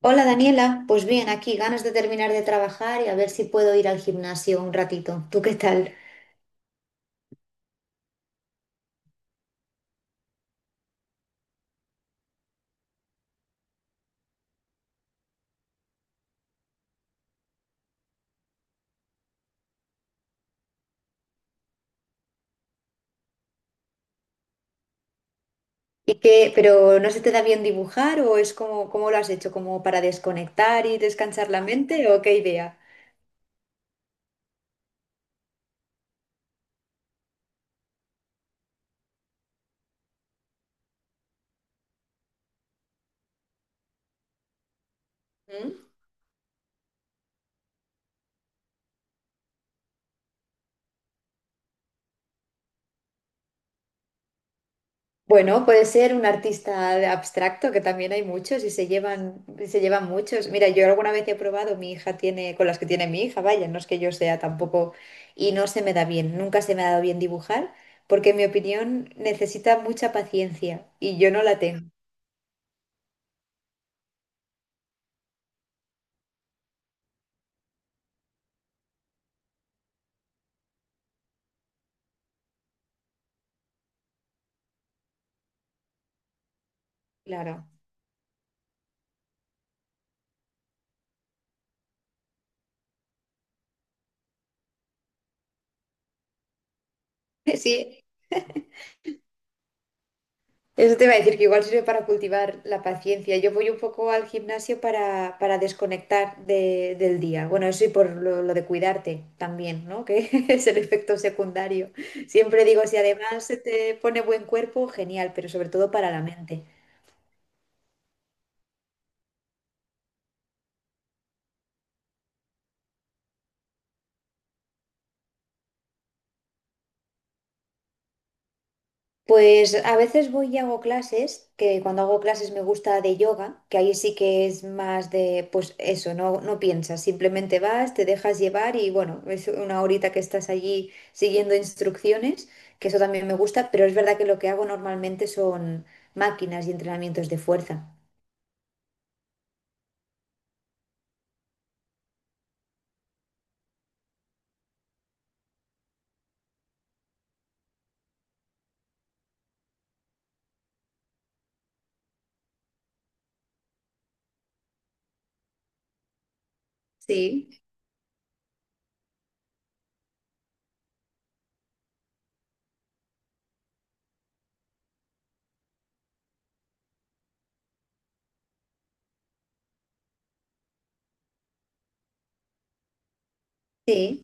Hola Daniela, pues bien, aquí ganas de terminar de trabajar y a ver si puedo ir al gimnasio un ratito. ¿Tú qué tal? ¿Y qué? ¿Pero no se te da bien dibujar o es como, cómo lo has hecho? ¿Como para desconectar y descansar la mente o qué idea? Bueno, puede ser un artista de abstracto, que también hay muchos y se llevan muchos. Mira, yo alguna vez he probado, mi hija tiene, con las que tiene mi hija, vaya, no es que yo sea tampoco, y no se me da bien, nunca se me ha dado bien dibujar, porque en mi opinión necesita mucha paciencia y yo no la tengo, claro. Sí. Eso te iba a decir que igual sirve para cultivar la paciencia. Yo voy un poco al gimnasio para desconectar del día. Bueno, eso y por lo de cuidarte también, ¿no? Que es el efecto secundario. Siempre digo, si además se te pone buen cuerpo, genial, pero sobre todo para la mente. Pues a veces voy y hago clases, que cuando hago clases me gusta de yoga, que ahí sí que es más de, pues eso, no piensas, simplemente vas, te dejas llevar y bueno, es una horita que estás allí siguiendo instrucciones, que eso también me gusta, pero es verdad que lo que hago normalmente son máquinas y entrenamientos de fuerza. Sí. Sí.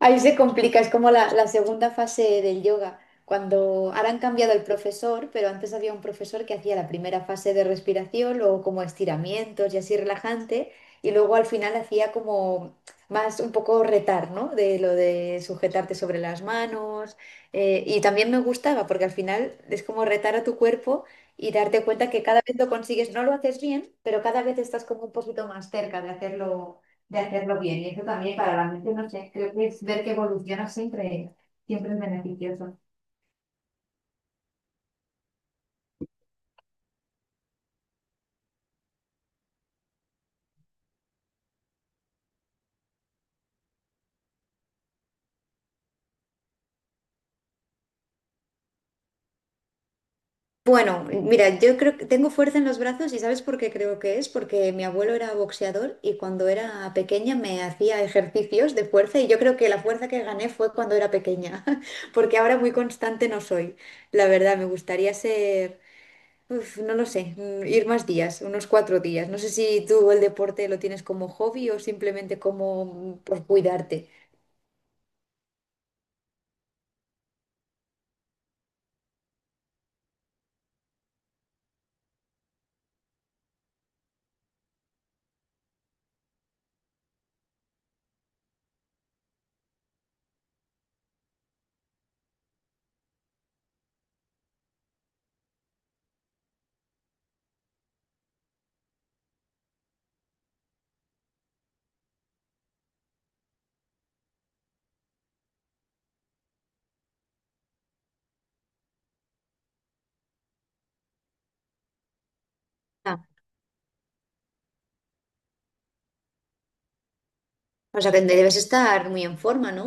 Ahí se complica, es como la segunda fase del yoga, cuando ahora han cambiado el profesor, pero antes había un profesor que hacía la primera fase de respiración, luego como estiramientos y así relajante, y luego al final hacía como más un poco retar, ¿no? De lo de sujetarte sobre las manos, y también me gustaba porque al final es como retar a tu cuerpo y darte cuenta que cada vez lo consigues, no lo haces bien, pero cada vez estás como un poquito más cerca de hacerlo bien. Y eso también para la mente, no sé, creo que es ver que evoluciona siempre, siempre es beneficioso. Bueno, mira, yo creo que tengo fuerza en los brazos y ¿sabes por qué creo que es? Porque mi abuelo era boxeador y cuando era pequeña me hacía ejercicios de fuerza y yo creo que la fuerza que gané fue cuando era pequeña, porque ahora muy constante no soy. La verdad, me gustaría ser, uf, no lo sé, ir más días, unos 4 días. No sé si tú el deporte lo tienes como hobby o simplemente como por cuidarte. O sea que debes estar muy en forma, ¿no?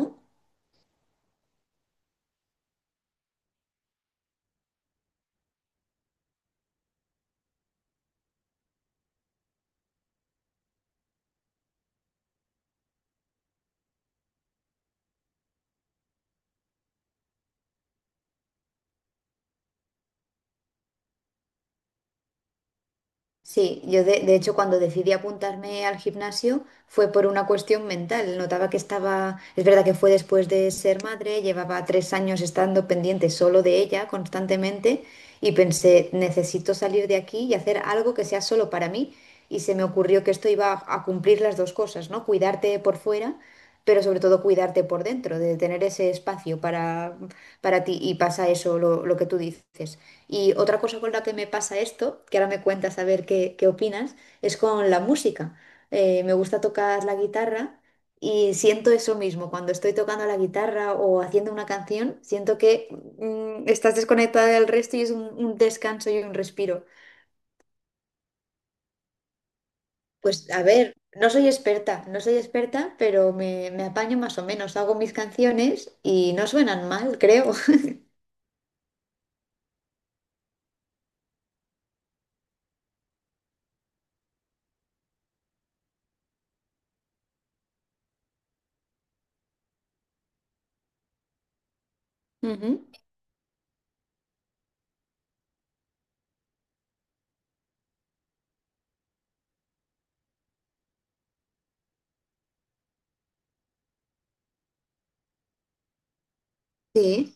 Sí, yo de hecho cuando decidí apuntarme al gimnasio fue por una cuestión mental. Notaba que estaba, es verdad que fue después de ser madre, llevaba 3 años estando pendiente solo de ella constantemente y pensé, necesito salir de aquí y hacer algo que sea solo para mí. Y se me ocurrió que esto iba a cumplir las dos cosas, ¿no? Cuidarte por fuera, pero sobre todo cuidarte por dentro, de tener ese espacio para ti y pasa eso, lo que tú dices. Y otra cosa con la que me pasa esto, que ahora me cuentas a ver qué opinas, es con la música. Me gusta tocar la guitarra y siento eso mismo. Cuando estoy tocando la guitarra o haciendo una canción, siento que estás desconectada del resto y es un descanso y un respiro. Pues a ver, no soy experta, pero me apaño más o menos. Hago mis canciones y no suenan mal, creo. Ujú. Sí.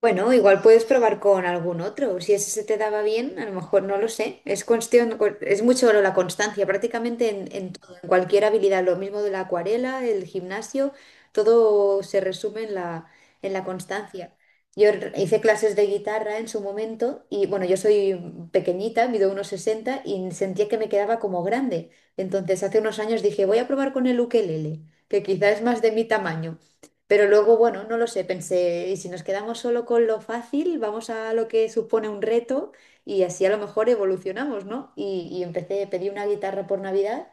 Bueno, igual puedes probar con algún otro. Si ese se te daba bien, a lo mejor no lo sé. Es cuestión, es mucho la constancia, prácticamente en todo, en cualquier habilidad. Lo mismo de la acuarela, el gimnasio, todo se resume en la constancia. Yo hice clases de guitarra en su momento y bueno, yo soy pequeñita, mido unos 60 y sentía que me quedaba como grande. Entonces hace unos años dije, voy a probar con el ukelele, que quizá es más de mi tamaño. Pero luego, bueno, no lo sé, pensé, y si nos quedamos solo con lo fácil, vamos a lo que supone un reto y así a lo mejor evolucionamos, ¿no? Y empecé, pedí una guitarra por Navidad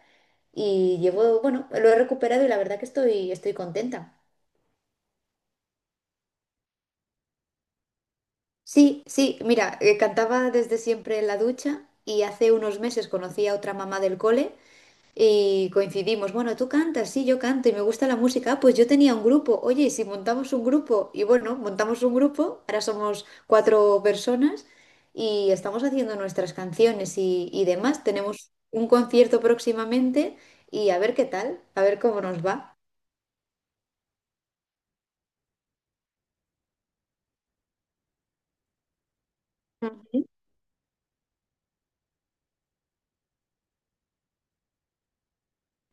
y llevo, bueno, lo he recuperado y la verdad que estoy contenta. Sí, sí, mira, cantaba desde siempre en la ducha y hace unos meses conocí a otra mamá del cole. Y coincidimos, bueno, tú cantas, sí, yo canto y me gusta la música, ah, pues yo tenía un grupo, oye, ¿y si montamos un grupo? Y bueno, montamos un grupo, ahora somos cuatro personas y estamos haciendo nuestras canciones y demás, tenemos un concierto próximamente y a ver qué tal, a ver cómo nos va.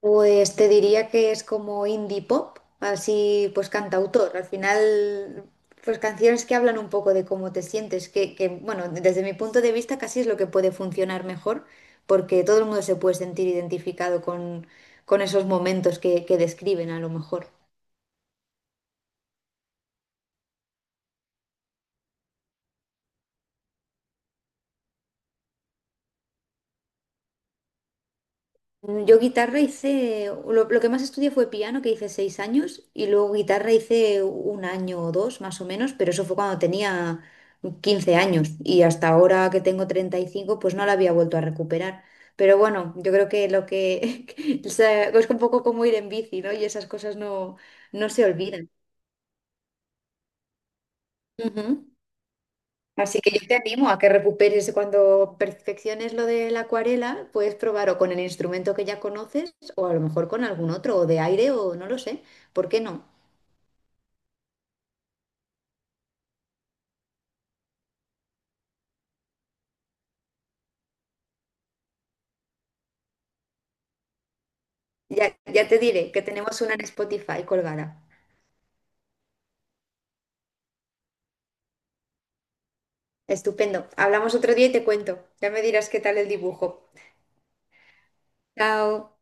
Pues te diría que es como indie pop, así pues cantautor. Al final, pues canciones que hablan un poco de cómo te sientes, que, bueno, desde mi punto de vista casi es lo que puede funcionar mejor, porque todo el mundo se puede sentir identificado con esos momentos que describen a lo mejor. Yo guitarra hice, lo que más estudié fue piano, que hice 6 años, y luego guitarra hice un año o dos más o menos, pero eso fue cuando tenía 15 años y hasta ahora que tengo 35 pues no la había vuelto a recuperar. Pero bueno, yo creo que lo que o sea, es un poco como ir en bici, ¿no? Y esas cosas no, no se olvidan. Ujú. Así que yo te animo a que recuperes cuando perfecciones lo de la acuarela, puedes probar o con el instrumento que ya conoces o a lo mejor con algún otro, o de aire o no lo sé, ¿por qué no? Ya, ya te diré que tenemos una en Spotify colgada. Estupendo. Hablamos otro día y te cuento. Ya me dirás qué tal el dibujo. Chao.